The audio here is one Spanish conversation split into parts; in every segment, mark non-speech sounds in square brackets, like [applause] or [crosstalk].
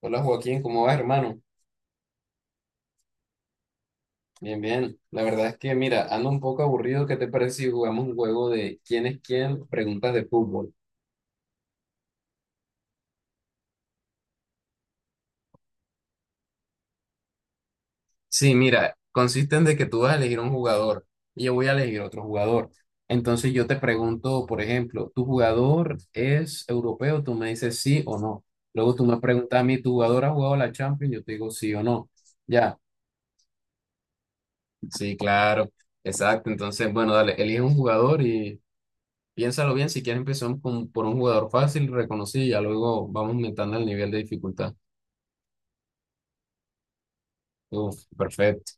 Hola Joaquín, ¿cómo vas, hermano? Bien, bien. La verdad es que, mira, ando un poco aburrido. ¿Qué te parece si jugamos un juego de quién es quién? Preguntas de fútbol. Sí, mira, consiste en de que tú vas a elegir un jugador y yo voy a elegir otro jugador. Entonces yo te pregunto, por ejemplo, ¿tu jugador es europeo? Tú me dices sí o no. Luego tú me preguntas a mí, ¿tu jugador ha jugado la Champions? Yo te digo sí o no. Ya. Sí, claro. Exacto. Entonces, bueno, dale, elige un jugador y. Piénsalo bien, si quieres empezamos con, por un jugador fácil, reconocido, y ya luego vamos aumentando el nivel de dificultad. Uf, perfecto.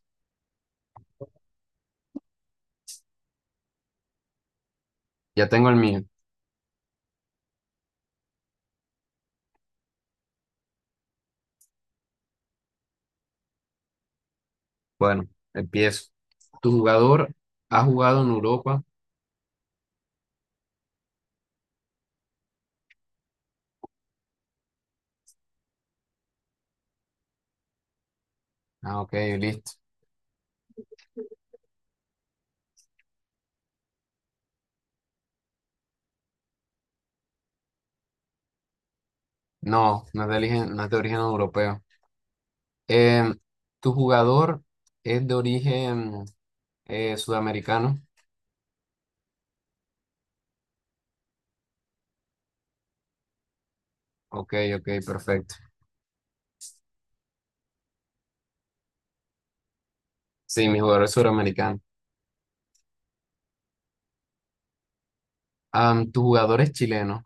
Ya tengo el mío. Bueno, empiezo. ¿Tu jugador ha jugado en Europa? Ah, ok, listo. No, no es de origen europeo. Em, ¿Tu jugador es de origen sudamericano? Ok, ok, perfecto. Sí, mi jugador es sudamericano. ¿Tu jugador es chileno?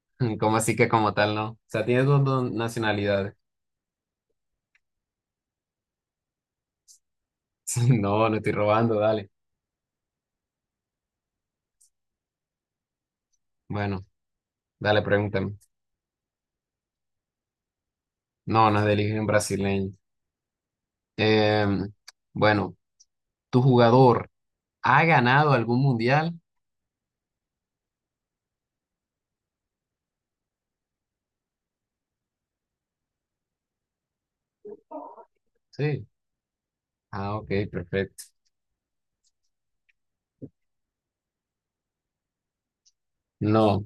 [laughs] ¿Cómo así que como tal no? O sea, tiene dos nacionalidades. [laughs] No, no estoy robando, dale. Bueno, dale, pregúntame. No, no es de origen brasileño. Eh, bueno, ¿tu jugador ha ganado algún mundial? Sí. Ah, ok, perfecto. No,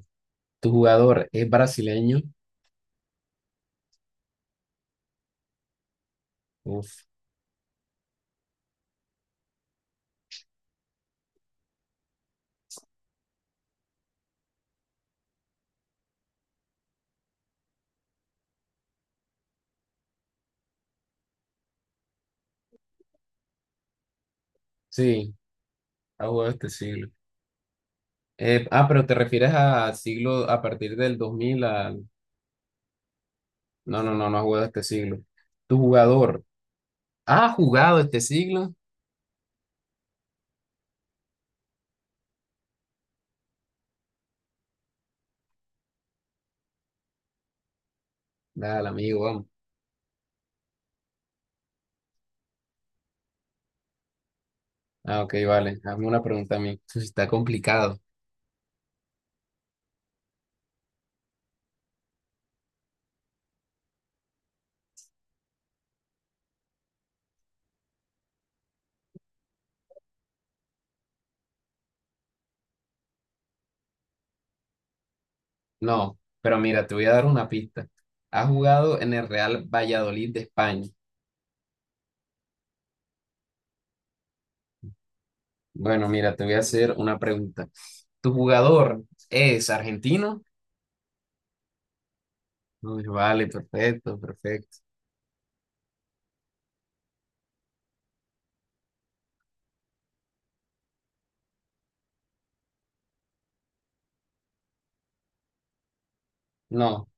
¿tu jugador es brasileño? Uf, sí, ha jugado este siglo. Pero te refieres a siglo a partir del 2000 al... No, no, no, no ha jugado este siglo. ¿Tu jugador ha jugado este siglo? Dale, amigo, vamos. Ah, ok, vale. Hazme una pregunta a mí. Eso sí está complicado. No, pero mira, te voy a dar una pista. Ha jugado en el Real Valladolid de España. Bueno, mira, te voy a hacer una pregunta. ¿Tu jugador es argentino? Uy, vale, perfecto, perfecto. No,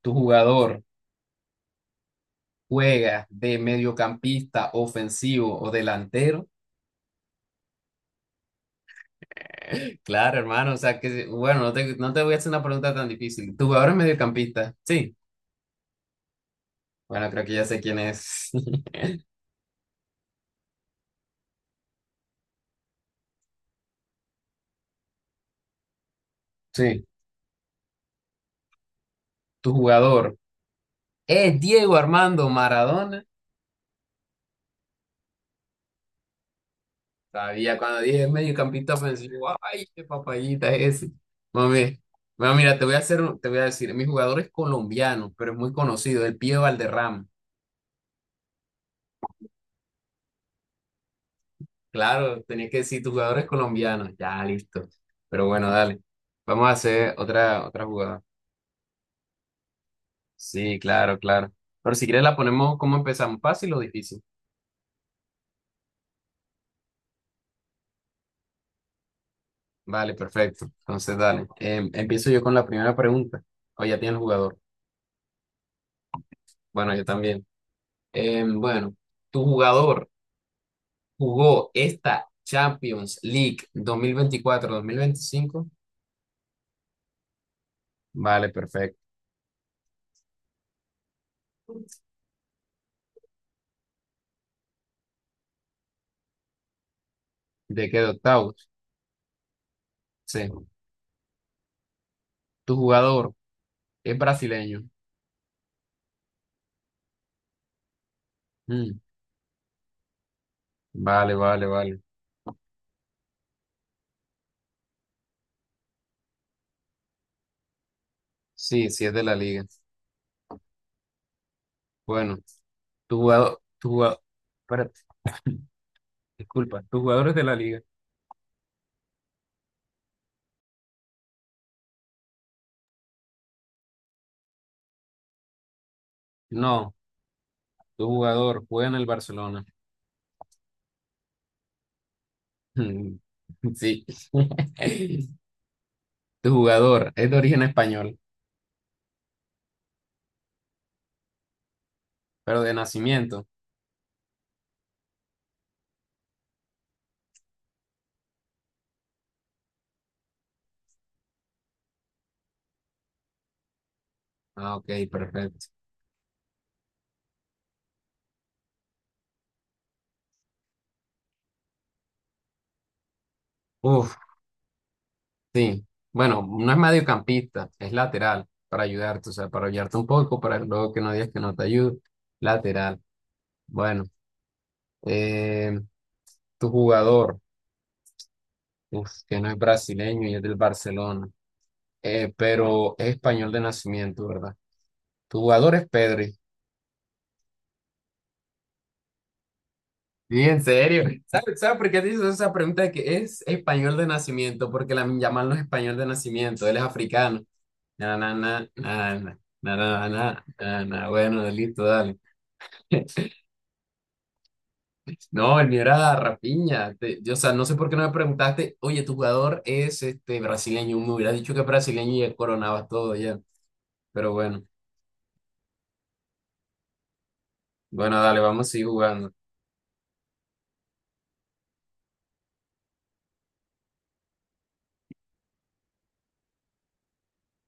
¿tu jugador juega de mediocampista ofensivo o delantero? Claro, hermano, o sea que, bueno, no te voy a hacer una pregunta tan difícil. ¿Tu jugador es mediocampista? Sí. Bueno, creo que ya sé quién es. [laughs] Sí. ¿Tu jugador es Diego Armando Maradona? Sabía, cuando dije mediocampista ofensivo, ay, qué papayita es ese. Mami, bueno, mira, te voy a decir, mi jugador es colombiano, pero es muy conocido, el Pío Valderrama. Claro, tenías que decir, tu jugador es colombiano. Ya, listo. Pero bueno, dale. Vamos a hacer otra jugada. Sí, claro, claro. Pero si quieres la ponemos, ¿cómo empezamos? ¿Fácil o difícil? Vale, perfecto. Entonces, dale. Empiezo yo con la primera pregunta. O ya tiene el jugador. Bueno, yo también. Bueno, tu jugador jugó esta Champions League 2024, mil veinticinco. Vale, perfecto. ¿De qué de octavos? Sí. ¿Tu jugador es brasileño? Mm, Vale, vale, vale. Sí, sí es de la liga. Bueno, tu jugador, espérate, disculpa, ¿tu jugador es de la liga? No, tu jugador juega en el Barcelona. Mm, [laughs] Sí. [laughs] Tu jugador es de origen español, pero de nacimiento. Ah, ok, perfecto. Uf, sí, bueno, no es mediocampista, es lateral para ayudarte, o sea, para ayudarte un poco, para luego que no digas que no te ayudo. Lateral, bueno, eh, tu jugador, uf, que no es brasileño y es del Barcelona, pero es español de nacimiento, ¿verdad? Tu jugador es Pedri. Sí, en serio. [laughs] ¿Sabes, sabes por qué te hice esa pregunta de que es español de nacimiento? Porque la llaman los español de nacimiento, él es africano. Na, na, na, na, na, na, na, na, na, na, na. Bueno, listo, dale. [laughs] No, el mío era Rapiña. O sea, no sé por qué no me preguntaste, oye, tu jugador es este brasileño. Me hubiera dicho que es brasileño y ya coronabas todo ya. Pero bueno, bueno, dale, vamos a seguir jugando.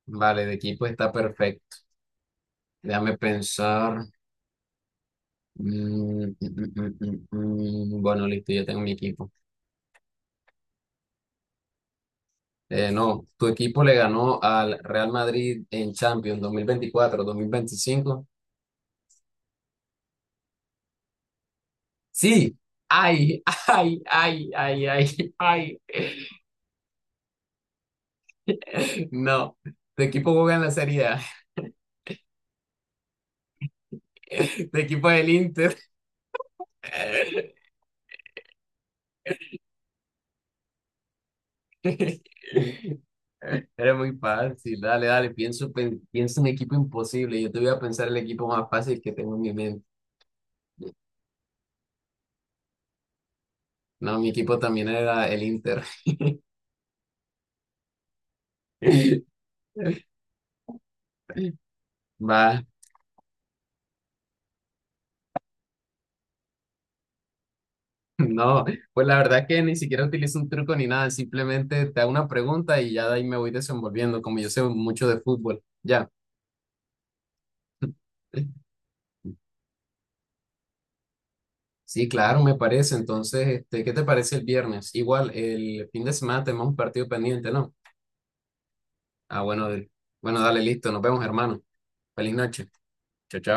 Vale, de equipo está perfecto. Déjame pensar. Mm. Bueno, listo, ya tengo mi equipo. No, tu equipo le ganó al Real Madrid en Champions 2024, 2025. Sí, ay, [laughs] ay, ay, ay, ay, ay. [laughs] No, tu equipo juega en la Serie A, [laughs] tu equipo es el Inter. [laughs] Era muy fácil, dale, dale, pienso en equipo imposible. Yo te voy a pensar el equipo más fácil que tengo en mi mente. No, mi equipo también era el Inter. [laughs] Va, no, pues la verdad que ni siquiera utilizo un truco ni nada, simplemente te hago una pregunta y ya de ahí me voy desenvolviendo, como yo sé mucho de fútbol. Ya. Sí, claro, me parece. Entonces, este, ¿qué te parece el viernes? Igual, el fin de semana tenemos un partido pendiente, ¿no? Ah, bueno, dale, listo. Nos vemos, hermano. Feliz noche. Chao, chao.